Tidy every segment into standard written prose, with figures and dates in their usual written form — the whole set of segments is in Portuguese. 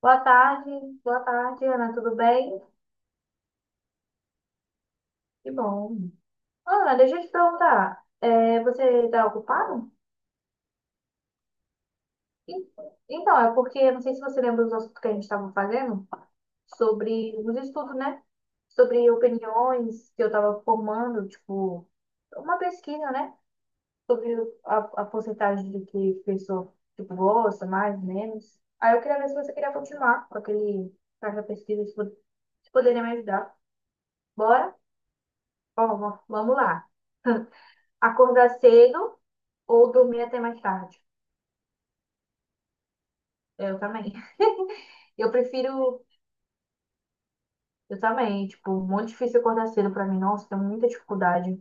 Boa tarde, boa tarde, Ana, tudo bem? Que bom. Ana, deixa eu te perguntar, você está ocupado? En- Então, é porque não sei se você lembra dos assuntos que a gente estava fazendo, sobre os estudos, né? Sobre opiniões que eu estava formando, tipo, uma pesquisa, né? Sobre a porcentagem de que pessoa, tipo, gosta, mais, menos. Aí eu queria ver se você queria continuar com aquele, com aquela pesquisa, se poderia me ajudar. Bora? Ó, vamos lá. Acordar cedo ou dormir até mais tarde? Eu também. Eu prefiro. Eu também. Tipo, muito difícil acordar cedo pra mim. Nossa, tenho muita dificuldade.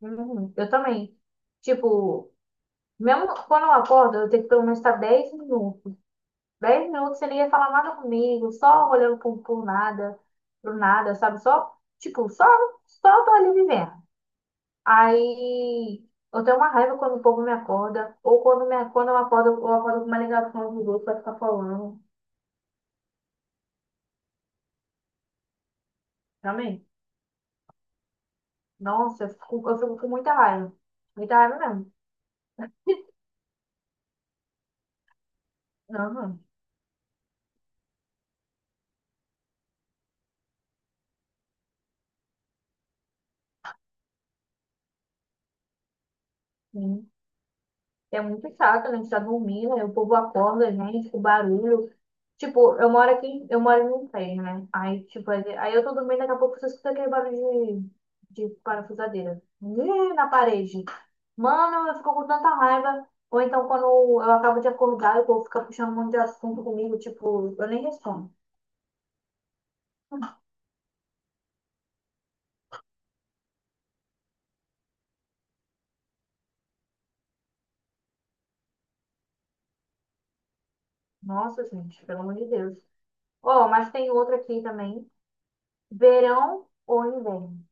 Uhum, eu também. Tipo, mesmo quando eu acordo, eu tenho que pelo menos estar 10 minutos. 10 minutos sem ninguém falar nada comigo, só olhando pro nada, pro nada, sabe? Só tô ali vivendo. Aí eu tenho uma raiva quando o povo me acorda, ou quando, me, quando eu acordo com uma ligação dos outros pra ficar falando. Também. Nossa, eu fico com muita raiva. Muita raiva mesmo. Aham, sim. É muito chato, né? A gente tá dormindo, aí o povo acorda a gente, com barulho. Tipo, eu moro aqui, eu moro em um prédio, né? Aí, tipo, aí eu tô dormindo, daqui a pouco você escuta aquele barulho de parafusadeira. Ih, na parede. Mano, eu fico com tanta raiva. Ou então, quando eu acabo de acordar, o povo fica puxando um monte de assunto comigo, tipo, eu nem respondo. Nossa, gente, pelo amor de Deus. Ó, mas tem outra aqui também. Verão ou inverno?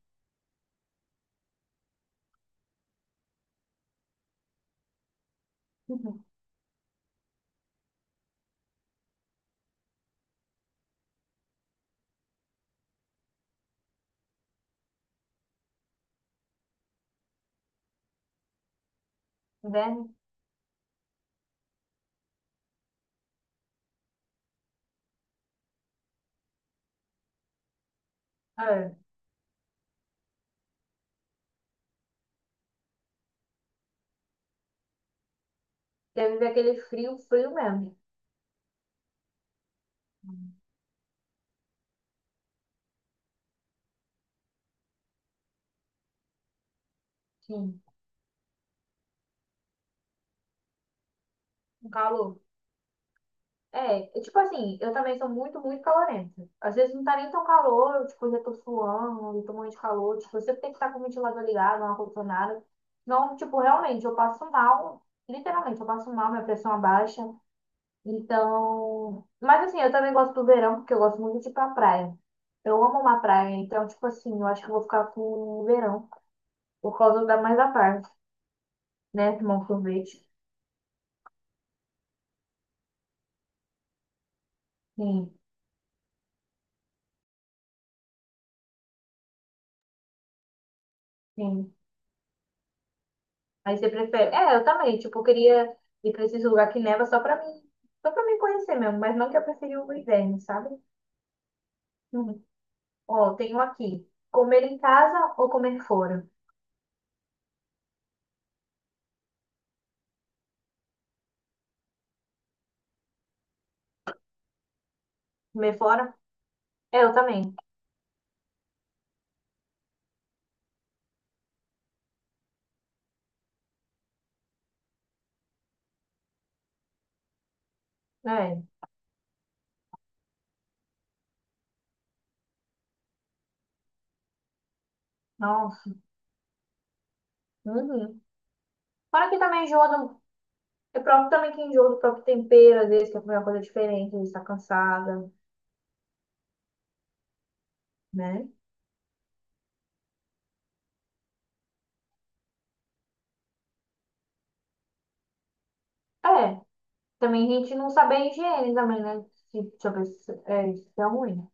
Uhum. Inverno? É. Deve ver aquele frio, frio mesmo. Sim. Um calor. É, e tipo assim, eu também sou muito, muito calorenta. Às vezes não tá nem tão calor, eu, tipo, já tô suando, já tô morrendo de calor. Tipo, eu sempre tem que estar com o ventilador ligado, não ar-condicionado. Não, tipo, realmente, eu passo mal. Literalmente, eu passo mal, minha pressão abaixa. Então, mas assim, eu também gosto do verão, porque eu gosto muito de ir pra praia. Eu amo uma praia, então tipo assim, eu acho que eu vou ficar com o verão. Por causa da mais da parte, né? Tomar um sorvete. Sim, sim. Aí você prefere. É, eu também. Tipo, eu queria ir pra esses lugares que neva só pra mim. Só pra me conhecer mesmo. Mas não que eu preferi o inverno, sabe? Uhum. Ó, tem um aqui. Comer em casa ou comer fora? Comer fora? É, eu também. É. Nossa. Uhum. Fora que também enjoa do. É próprio também que enjoa do próprio tempero, às vezes quer comer uma coisa diferente, às vezes tá cansada, né? É. Também a gente não sabe a higiene também, né? Se, deixa eu ver se é, se é ruim, né?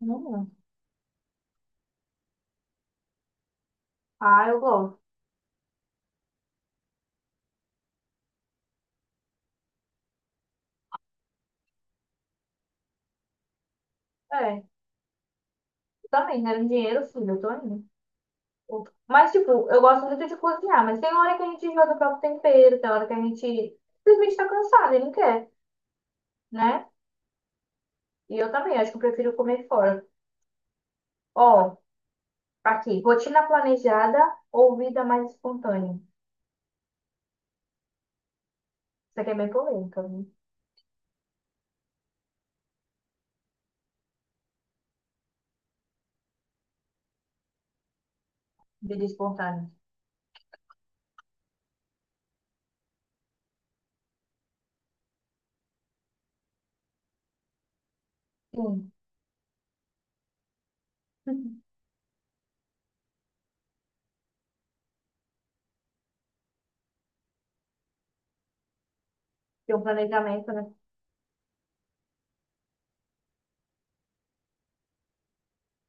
Não. Ah, eu gosto. É, também, né? Dinheiro, sim, eu tô indo. Mas tipo, eu gosto muito de cozinhar, mas tem hora que a gente joga o próprio tempero, tem hora que a gente simplesmente tá cansado e não quer, né? E eu também, acho que eu prefiro comer fora. Ó, aqui, rotina planejada ou vida mais espontânea? Isso aqui é bem polêmica, viu? Vida espontânea. Sim. Tem um planejamento, né?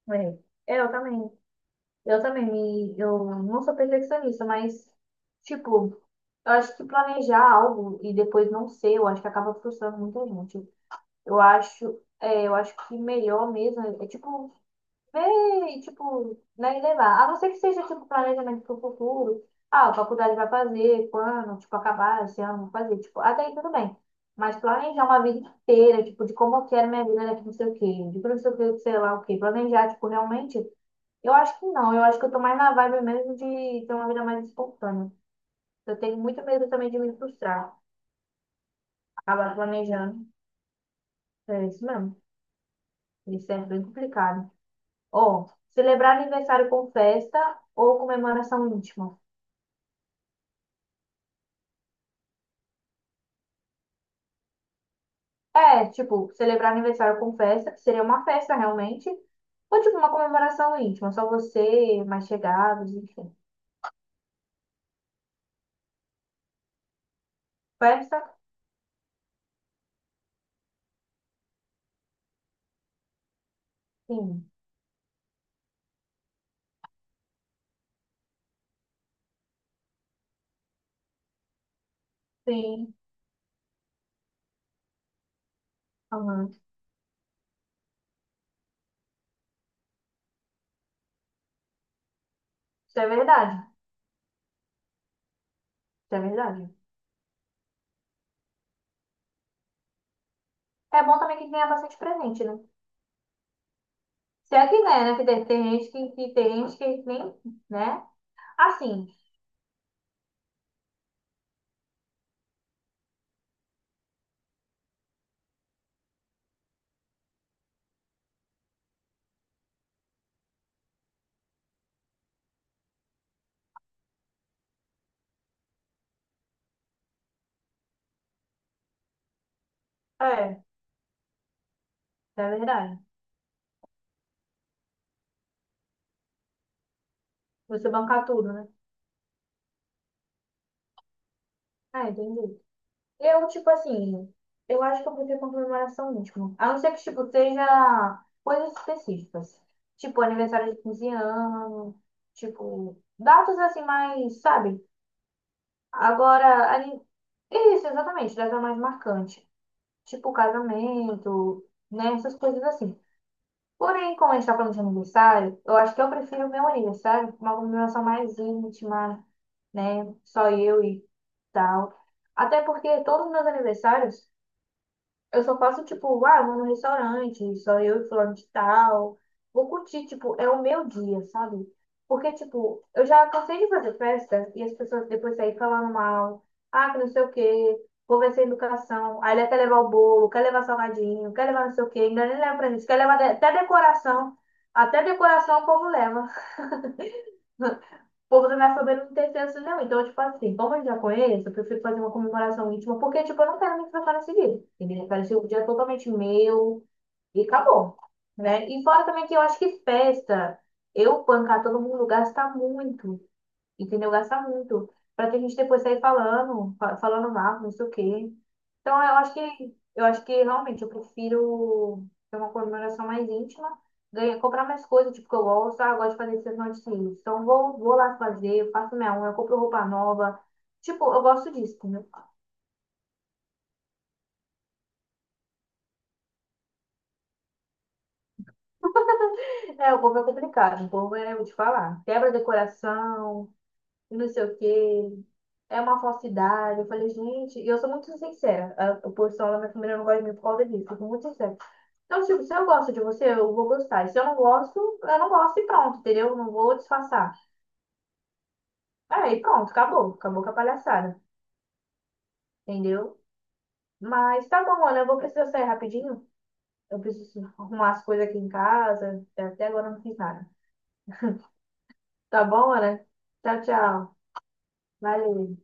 É. Eu também. Eu não sou perfeccionista, mas, tipo, eu acho que planejar algo e depois não ser, eu acho que acaba frustrando muita gente. Eu acho, eu acho que melhor mesmo tipo, ver e, tipo, né, e levar. A não ser que seja, tipo, planejamento pro futuro. Ah, a faculdade vai fazer, quando, tipo, acabar esse ano, vou fazer, tipo, até aí tudo bem. Mas planejar uma vida inteira, tipo, de como eu quero minha vida daqui, não sei o quê, de não sei o quê, sei lá o quê. Planejar, tipo, realmente. Eu acho que não, eu acho que eu tô mais na vibe mesmo de ter uma vida mais espontânea. Eu tenho muito medo também de me frustrar, acabar planejando. É isso mesmo, isso é bem complicado. Ou celebrar aniversário com festa ou comemoração íntima. É, tipo, celebrar aniversário com festa, que seria uma festa realmente, ou tipo uma comemoração íntima, só você, mais chegados, enfim. Festa, sim, sim, aham. Isso é verdade, isso é verdade. É bom também que ganha bastante presente, né? Se é que né, né? Que tem gente que tem gente que nem, né? Assim, é, é verdade. Você bancar tudo, né? Ah, entendi. Eu, tipo assim, eu acho que eu vou ter comemoração última. A não ser que, tipo, seja coisas específicas. Tipo, aniversário de 15 anos, tipo, datas assim mais, sabe? Agora, ani- isso, exatamente, data mais marcante. Tipo, casamento, né? Essas coisas assim. Porém, como a gente tá falando de aniversário, eu acho que eu prefiro o meu aniversário, uma comemoração mais íntima, né? Só eu e tal. Até porque todos os meus aniversários eu só faço, tipo, ah, vou no restaurante, só eu e fulano de tal. Vou curtir, tipo, é o meu dia, sabe? Porque, tipo, eu já cansei de fazer festa e as pessoas depois saírem falando mal. Ah, que não sei o quê, vou ver sem educação. Aí ele quer levar o bolo, quer levar salgadinho, quer levar não sei o quê, ainda nem leva pra gente, até decoração. Até decoração o povo leva. O povo da minha família não tem senso, não. Então tipo assim, como eu já conheço, eu prefiro fazer uma comemoração íntima, porque, tipo, eu não quero me tratar nesse dia. Entendeu? Eu quero ser um dia totalmente meu e acabou, né? E fora também que eu acho que festa, eu bancar todo mundo gasta muito, entendeu? Gasta muito. Pra que a gente depois sair falando, falando mal, não sei o quê. Então eu acho que realmente eu prefiro ter uma comemoração mais íntima, ganhar, comprar mais coisas, tipo, que eu gosto, ah, eu gosto de fazer sessão de cílios. Então eu vou, vou lá fazer, eu faço minha unha, eu compro roupa nova. Tipo, eu gosto disso, entendeu? É, o povo é complicado, o povo é, eu vou te falar, quebra decoração e não sei o quê. É uma falsidade. Eu falei, gente, e eu sou muito sincera. A porção da minha família não gosta de mim por causa disso. Eu sou muito sincera. Então, tipo, se eu gosto de você, eu vou gostar. E se eu não gosto, eu não gosto e pronto, entendeu? Eu não vou disfarçar. Aí, pronto, acabou. Acabou com a palhaçada, entendeu? Mas tá bom, olha, eu vou precisar sair rapidinho. Eu preciso arrumar as coisas aqui em casa. Até agora eu não fiz nada. Tá bom, Ana? Tchau, tchau. Valeu.